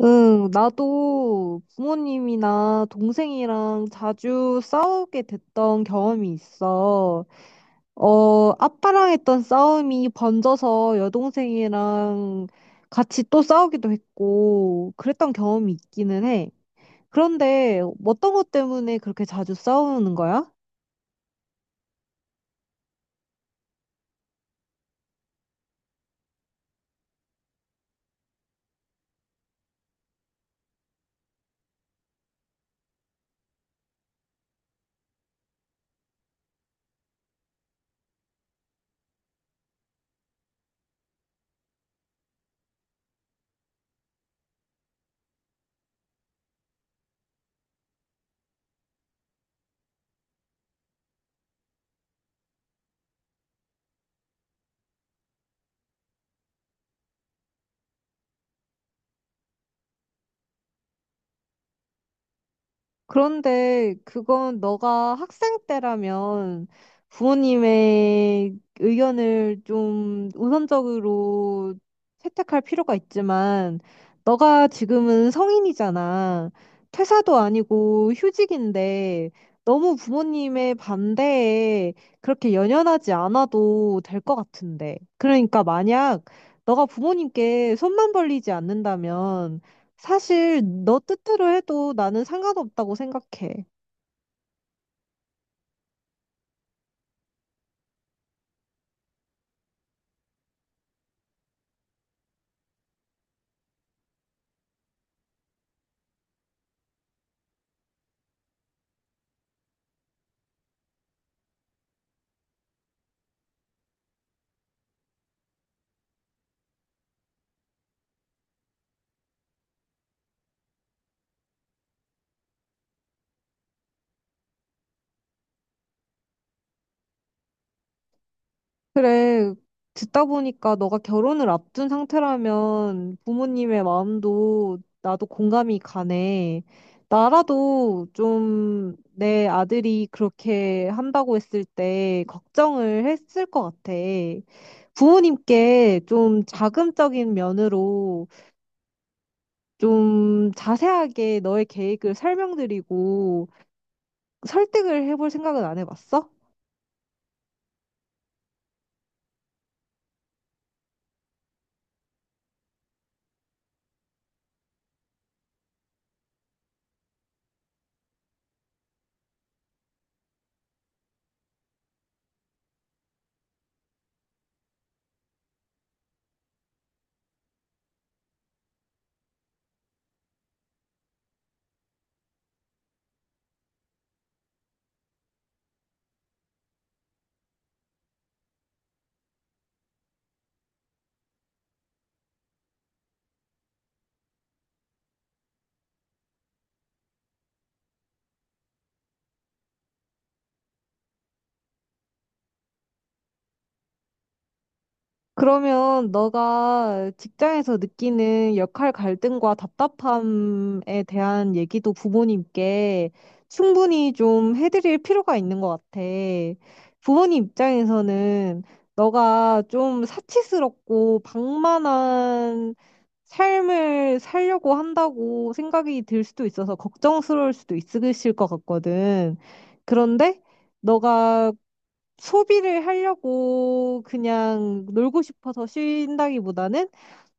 응, 나도 부모님이나 동생이랑 자주 싸우게 됐던 경험이 있어. 아빠랑 했던 싸움이 번져서 여동생이랑 같이 또 싸우기도 했고, 그랬던 경험이 있기는 해. 그런데 어떤 것 때문에 그렇게 자주 싸우는 거야? 그런데 그건 너가 학생 때라면 부모님의 의견을 좀 우선적으로 채택할 필요가 있지만 너가 지금은 성인이잖아. 퇴사도 아니고 휴직인데 너무 부모님의 반대에 그렇게 연연하지 않아도 될 것 같은데. 그러니까 만약 너가 부모님께 손만 벌리지 않는다면 사실 너 뜻대로 해도 나는 상관없다고 생각해. 그래, 듣다 보니까 너가 결혼을 앞둔 상태라면 부모님의 마음도 나도 공감이 가네. 나라도 좀 내 아들이 그렇게 한다고 했을 때 걱정을 했을 것 같아. 부모님께 좀 자금적인 면으로 좀 자세하게 너의 계획을 설명드리고 설득을 해볼 생각은 안 해봤어? 그러면 너가 직장에서 느끼는 역할 갈등과 답답함에 대한 얘기도 부모님께 충분히 좀 해드릴 필요가 있는 것 같아. 부모님 입장에서는 너가 좀 사치스럽고 방만한 삶을 살려고 한다고 생각이 들 수도 있어서 걱정스러울 수도 있으실 것 같거든. 그런데 너가 소비를 하려고 그냥 놀고 싶어서 쉰다기보다는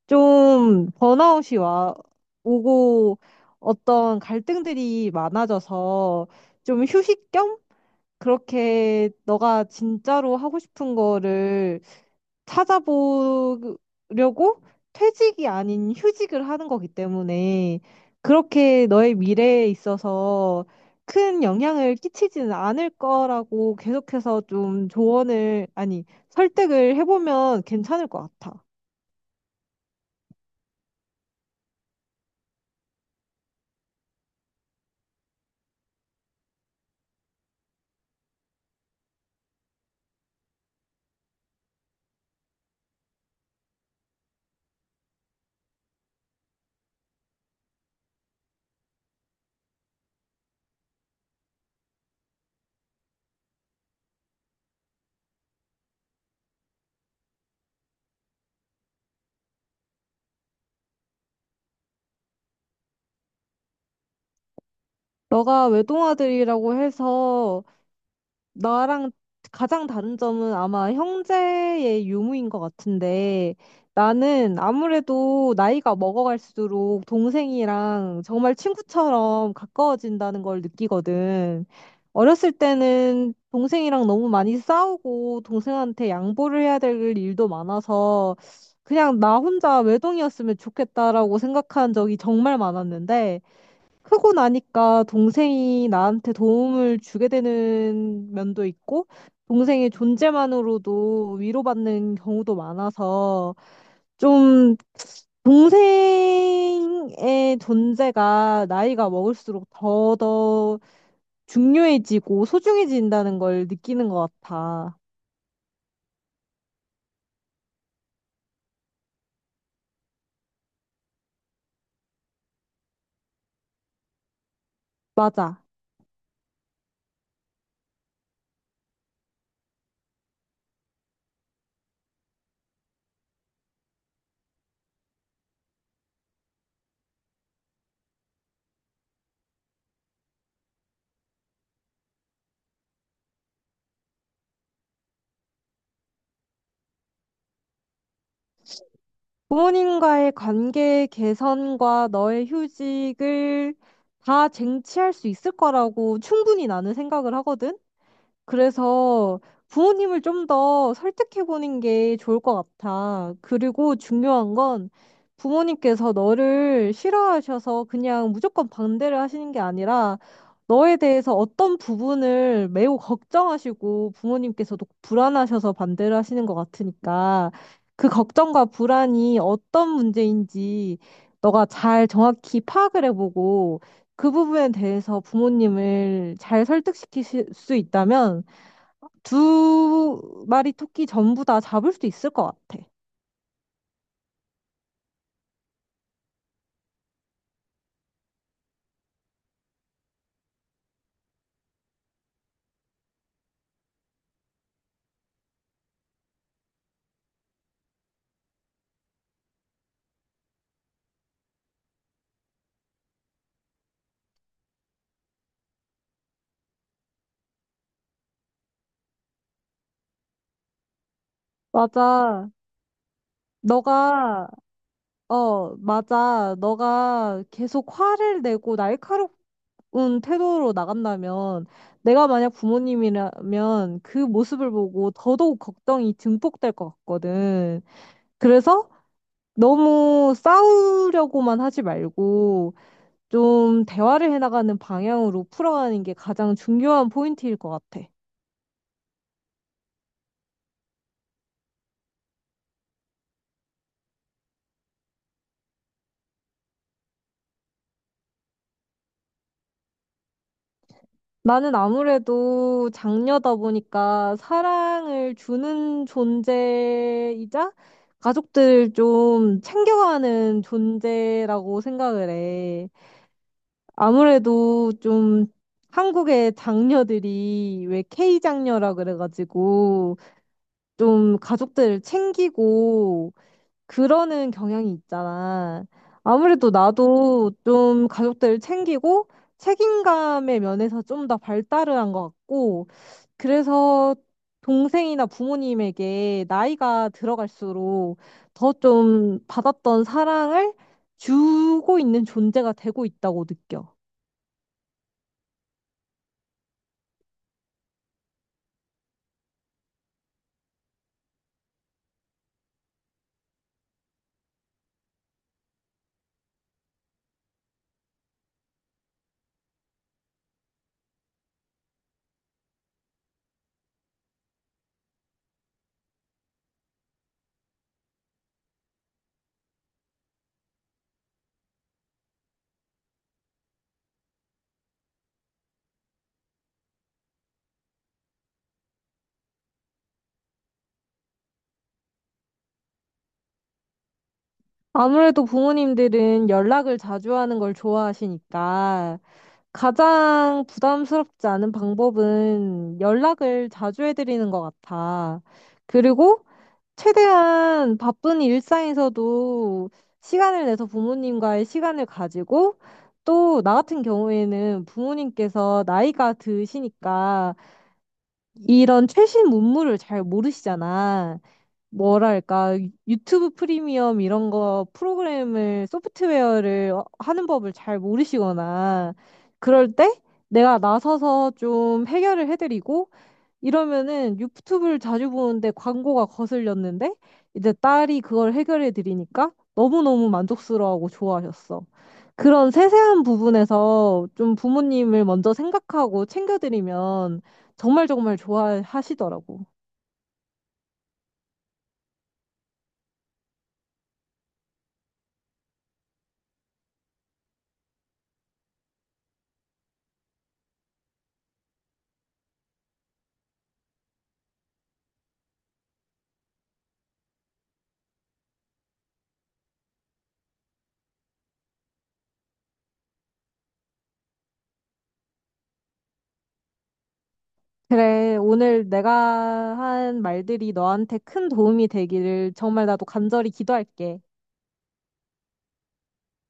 좀 번아웃이 와 오고 어떤 갈등들이 많아져서 좀 휴식 겸 그렇게 너가 진짜로 하고 싶은 거를 찾아보려고 퇴직이 아닌 휴직을 하는 거기 때문에 그렇게 너의 미래에 있어서 큰 영향을 끼치지는 않을 거라고 계속해서 좀 조언을, 아니, 설득을 해보면 괜찮을 것 같아. 너가 외동아들이라고 해서 나랑 가장 다른 점은 아마 형제의 유무인 것 같은데 나는 아무래도 나이가 먹어갈수록 동생이랑 정말 친구처럼 가까워진다는 걸 느끼거든. 어렸을 때는 동생이랑 너무 많이 싸우고 동생한테 양보를 해야 될 일도 많아서 그냥 나 혼자 외동이었으면 좋겠다라고 생각한 적이 정말 많았는데 크고 나니까 동생이 나한테 도움을 주게 되는 면도 있고, 동생의 존재만으로도 위로받는 경우도 많아서, 좀, 동생의 존재가 나이가 먹을수록 더더 중요해지고 소중해진다는 걸 느끼는 것 같아. 맞아. 부모님과의 관계 개선과 너의 휴직을 다 쟁취할 수 있을 거라고 충분히 나는 생각을 하거든. 그래서 부모님을 좀 더 설득해보는 게 좋을 것 같아. 그리고 중요한 건 부모님께서 너를 싫어하셔서 그냥 무조건 반대를 하시는 게 아니라 너에 대해서 어떤 부분을 매우 걱정하시고 부모님께서도 불안하셔서 반대를 하시는 것 같으니까 그 걱정과 불안이 어떤 문제인지 너가 잘 정확히 파악을 해보고 그 부분에 대해서 부모님을 잘 설득시킬 수 있다면 두 마리 토끼 전부 다 잡을 수 있을 것 같아. 맞아. 너가, 너가 계속 화를 내고 날카로운 태도로 나간다면, 내가 만약 부모님이라면 그 모습을 보고 더더욱 걱정이 증폭될 것 같거든. 그래서 너무 싸우려고만 하지 말고, 좀 대화를 해나가는 방향으로 풀어가는 게 가장 중요한 포인트일 것 같아. 나는 아무래도 장녀다 보니까 사랑을 주는 존재이자 가족들 좀 챙겨가는 존재라고 생각을 해. 아무래도 좀 한국의 장녀들이 왜 K장녀라 그래가지고 좀 가족들을 챙기고 그러는 경향이 있잖아. 아무래도 나도 좀 가족들을 챙기고 책임감의 면에서 좀 더 발달을 한 것 같고, 그래서 동생이나 부모님에게 나이가 들어갈수록 더 좀 받았던 사랑을 주고 있는 존재가 되고 있다고 느껴. 아무래도 부모님들은 연락을 자주 하는 걸 좋아하시니까 가장 부담스럽지 않은 방법은 연락을 자주 해드리는 것 같아. 그리고 최대한 바쁜 일상에서도 시간을 내서 부모님과의 시간을 가지고 또 나 같은 경우에는 부모님께서 나이가 드시니까 이런 최신 문물을 잘 모르시잖아. 뭐랄까, 유튜브 프리미엄 이런 거 프로그램을, 소프트웨어를 하는 법을 잘 모르시거나, 그럴 때 내가 나서서 좀 해결을 해드리고, 이러면은 유튜브를 자주 보는데 광고가 거슬렸는데, 이제 딸이 그걸 해결해드리니까 너무너무 만족스러워하고 좋아하셨어. 그런 세세한 부분에서 좀 부모님을 먼저 생각하고 챙겨드리면 정말 정말 좋아하시더라고. 그래, 오늘 내가 한 말들이 너한테 큰 도움이 되기를 정말 나도 간절히 기도할게.